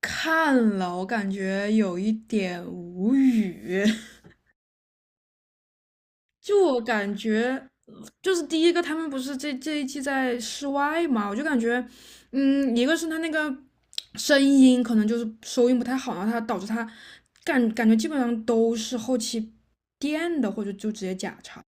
看了，我感觉有一点无语。就我感觉，就是第一个，他们不是这一季在室外嘛，我就感觉，一个是他那个声音可能就是收音不太好，然后他导致他感觉基本上都是后期垫的，或者就直接假唱。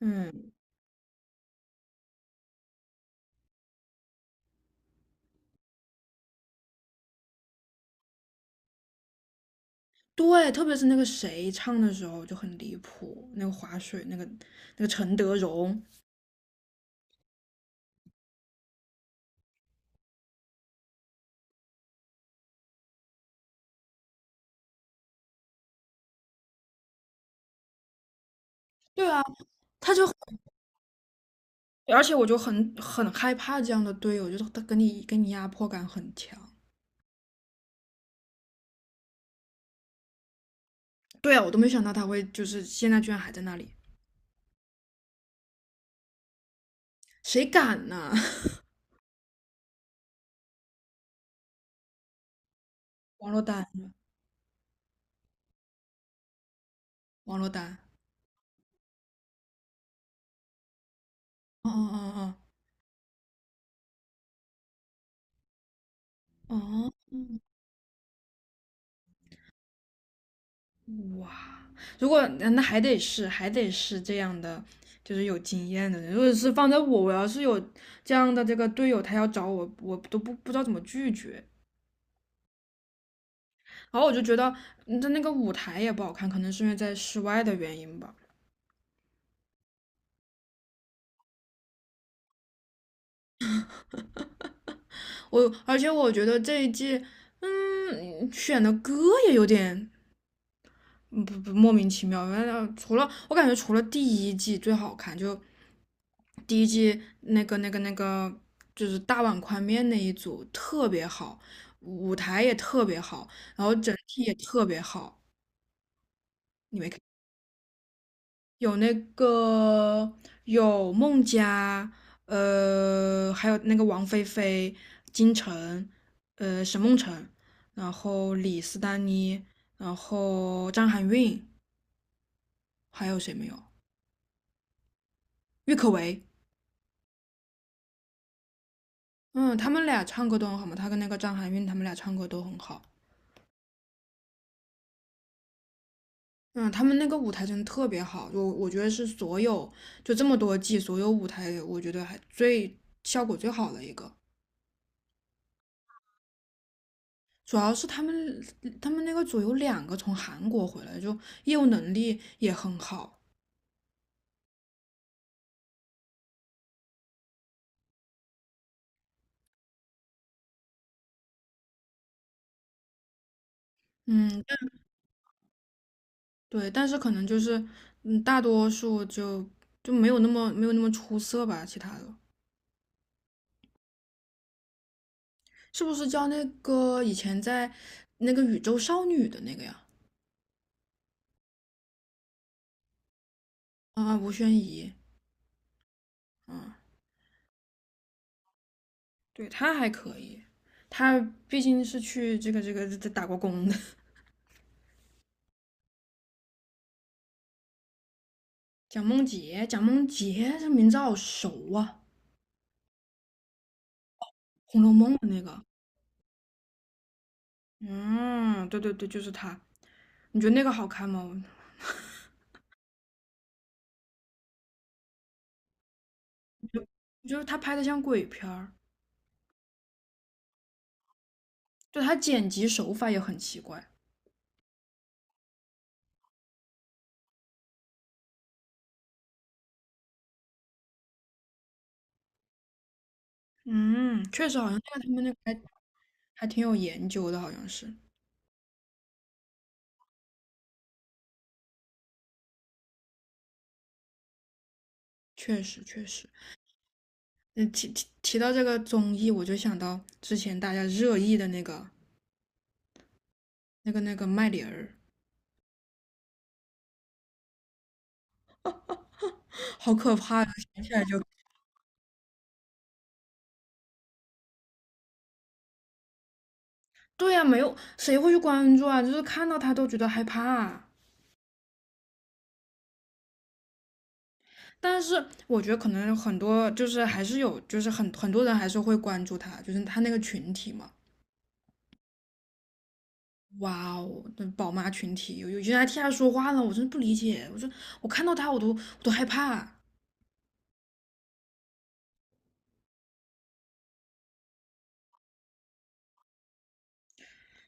嗯，对，特别是那个谁唱的时候就很离谱，那个划水那个陈德容，对啊，他就而且我就很害怕这样的队友，就是他跟你压迫感很强。对啊，我都没想到他会就是现在居然还在那里，谁敢呢？王珞丹，王珞丹，哦哦，哦哦哦，嗯，哇！如果那还得是这样的，就是有经验的人。如果是放在我，我要是有这样的这个队友，他要找我，我都不知道怎么拒绝。然后我就觉得他那个舞台也不好看，可能是因为在室外的原因吧。而且我觉得这一季，选的歌也有点嗯不不莫名其妙。原来除了我感觉除了第一季最好看，就第一季那个就是大碗宽面那一组特别好，舞台也特别好，然后整体也特别好。有那个，有孟佳，还有那个王菲菲、金晨，沈梦辰，然后李斯丹妮，然后张含韵，还有谁没有？郁可唯，嗯，他们俩唱歌都很好嘛，他跟那个张含韵他们俩唱歌都很好。嗯，他们那个舞台真的特别好，我觉得是所有就这么多季所有舞台，我觉得最效果最好的一个。主要是他们那个组有两个从韩国回来，就业务能力也很好。嗯，但对，但是可能就是，嗯，大多数就就没有那么出色吧，其他的是不是叫那个以前在那个宇宙少女的那个呀？啊，吴宣仪，嗯，对，她还可以，她毕竟是去这打过工的。蒋梦婕，蒋梦婕这名字好熟啊，《红楼梦》的那个。嗯，对，就是他。你觉得那个好看吗？我觉得他拍的像鬼片儿，就他剪辑手法也很奇怪。嗯，确实，好像那个他们那个还挺有研究的，好像是。确实。嗯，提到这个综艺，我就想到之前大家热议的那个麦琳儿，好可怕！呀。想起来就……对呀、没有谁会去关注啊，就是看到他都觉得害怕。但是我觉得可能很多就是还是有，就是很多人还是会关注他，就是他那个群体嘛。哇哦，那宝妈群体有些人还替他说话呢，我真的不理解。我说我看到他我都害怕，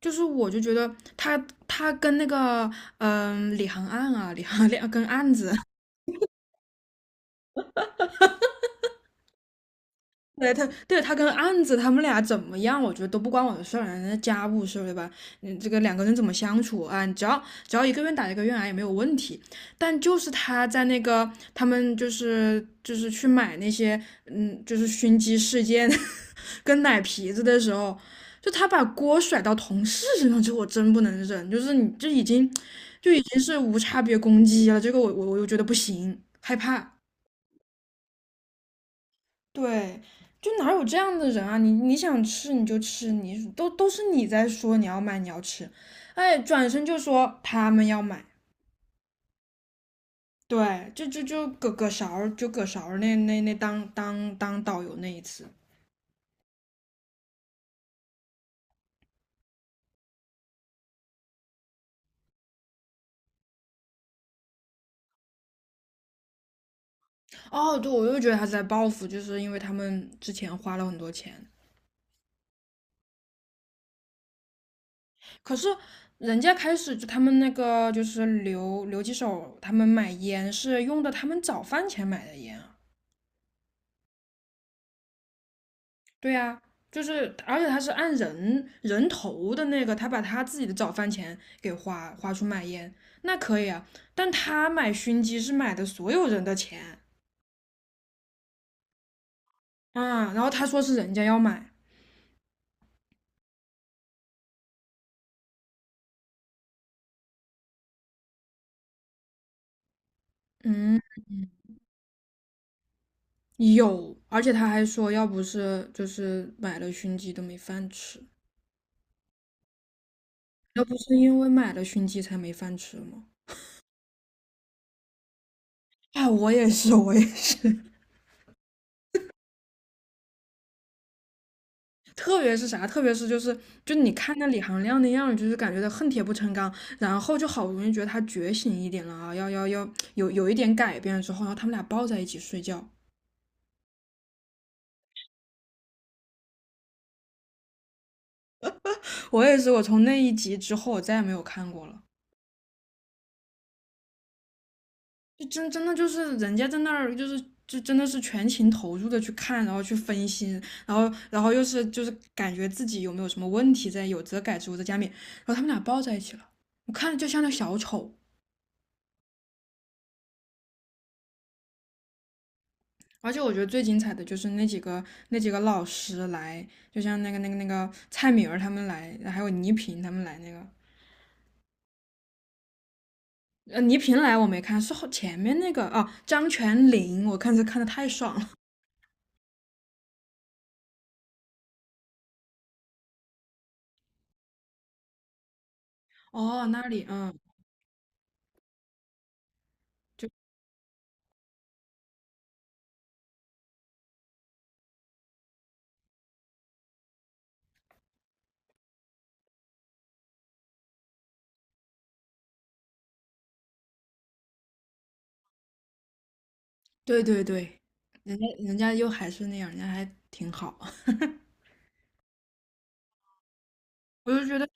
就是我就觉得他跟那个李行案啊，李行两跟案子，对他，对他跟案子他们俩怎么样，我觉得都不关我的事儿，人家家务事儿对吧？嗯，这个两个人怎么相处啊？只要一个愿打一个愿挨也没有问题。但就是他在那个他们就是去买那些就是熏鸡事件 跟奶皮子的时候，就他把锅甩到同事身上，这我真不能忍。就是你这已经就已经是无差别攻击了，这个我又觉得不行，害怕。对，就哪有这样的人啊？你你想吃你就吃，你都是你在说你要买你要吃，哎，转身就说他们要买，对，就葛勺儿那当导游那一次，哦，对，我又觉得他是在报复，就是因为他们之前花了很多钱，可是人家开始就他们那个就是留几手，他们买烟是用的他们早饭钱买的烟啊。对呀，就是，而且他是按人头的那个，他把他自己的早饭钱给花出买烟，那可以啊。但他买熏鸡是买的所有人的钱啊，然后他说是人家要买，嗯，有，而且他还说要不是就是买了熏鸡都没饭吃，要不是因为买了熏鸡才没饭吃吗？啊，我也是，我也是。特别是啥？特别是就是就你看那李行亮那样，就是感觉他恨铁不成钢，然后就好不容易觉得他觉醒一点了啊，要有一点改变之后，然后他们俩抱在一起睡觉。我也是，我从那一集之后，我再也没有看过了。就真的就是人家在那儿就是。就真的是全情投入的去看，然后去分析，然后又是就是感觉自己有没有什么问题在，有则改之，无则加勉。然后他们俩抱在一起了，我看着就像那小丑。而且我觉得最精彩的就是那几个那几个老师来，就像那个蔡敏儿他们来，还有倪萍他们来那个，倪萍来我没看，是前面那个哦，张泉灵，我看是看的太爽了，哦，那里，嗯，就对，人家又还是那样，人家还挺好，我就觉得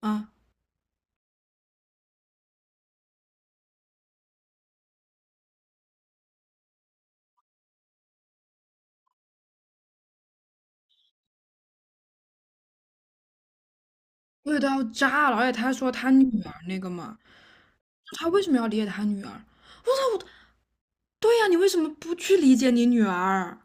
啊，对都要炸了，而且他说他女儿那个嘛，他为什么要理解他女儿？哦，对呀，你为什么不去理解你女儿？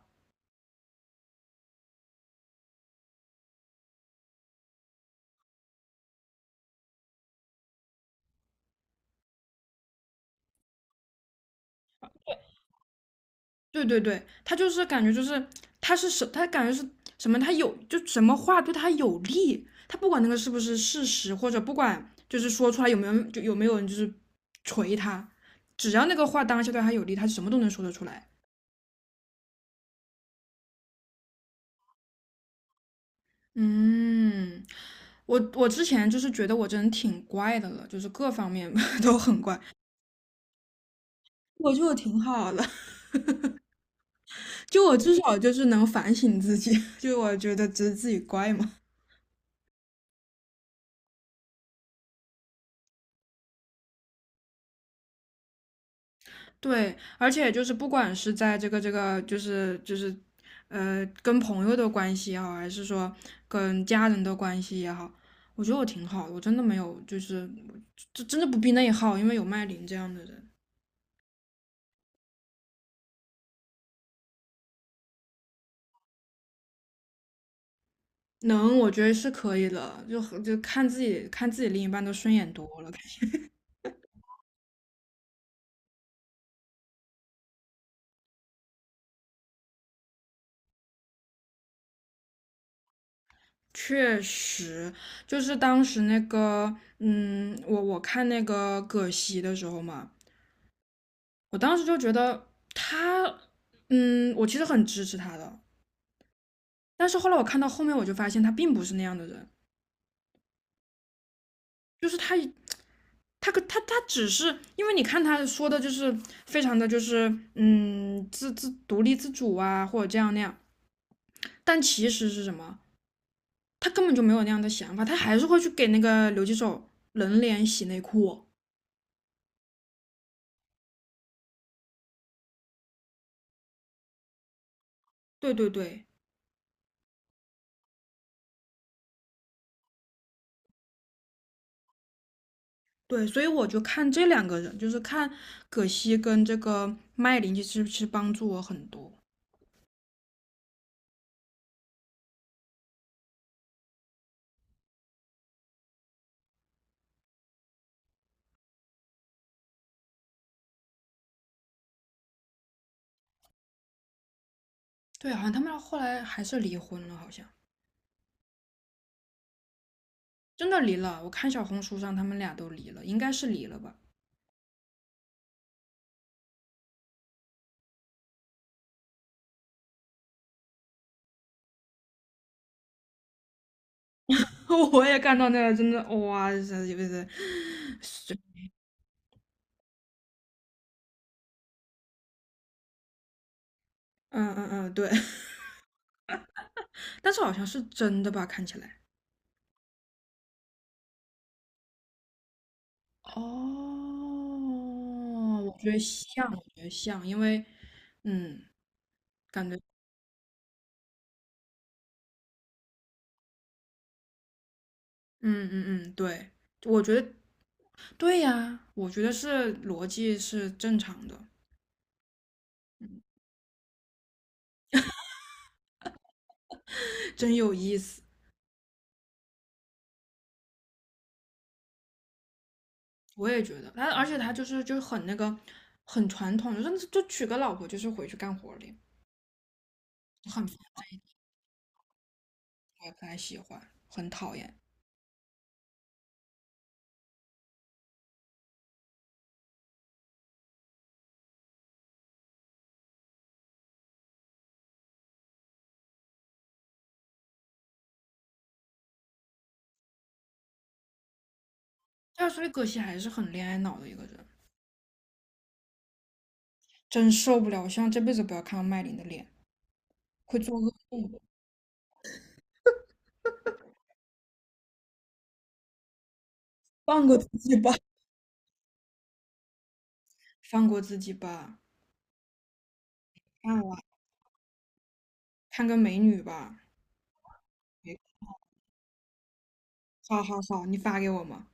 对，他就是感觉就是他是什，他感觉是什么，他有就什么话对他有利，他不管那个是不是事实，或者不管就是说出来有没有人就是锤他，只要那个话当下对他有利，他什么都能说得出来。嗯，我之前就是觉得我这人挺怪的了，就是各方面 都很怪，我觉得我挺好的，就我至少就是能反省自己，就我觉得只是自己怪嘛。对，而且就是不管是在这个，就是，呃，跟朋友的关系也好，还是说跟家人的关系也好，我觉得我挺好的，我真的没有就是，这真的不必内耗，因为有麦琳这样的人，能，我觉得是可以的，就和就看自己看自己另一半都顺眼多了，确实，就是当时那个，嗯，我看那个葛西的时候嘛，我当时就觉得他，嗯，我其实很支持他的。但是后来我看到后面，我就发现他并不是那样的人，就是他他只是因为你看他说的就是非常的就是独立自主啊，或者这样那样，但其实是什么？他根本就没有那样的想法，他还是会去给那个留几手冷脸洗内裤。对对，所以我就看这两个人，就是看葛西跟这个麦琳，其实帮助我很多。对，好像他们后来还是离婚了，好像。真的离了，我看小红书上他们俩都离了，应该是离了吧？我也看到那个，真的哇，这，是，嗯嗯嗯，对，但是好像是真的吧？看起来。哦，我觉得像，我觉得像，因为，嗯，感觉，嗯嗯嗯，对，我觉得对呀，我觉得是逻辑是正常的，真有意思，我也觉得。而且他就是就很那个，很传统，就是就娶个老婆就是回去干活了呀，很烦，我也不太喜欢，很讨厌。但是所以葛西还是很恋爱脑的一个人，真受不了！我希望这辈子不要看到麦琳的脸，会做噩梦。放过自己吧。放过自己吧，看我，看个美女吧。哎，好好好，你发给我吗？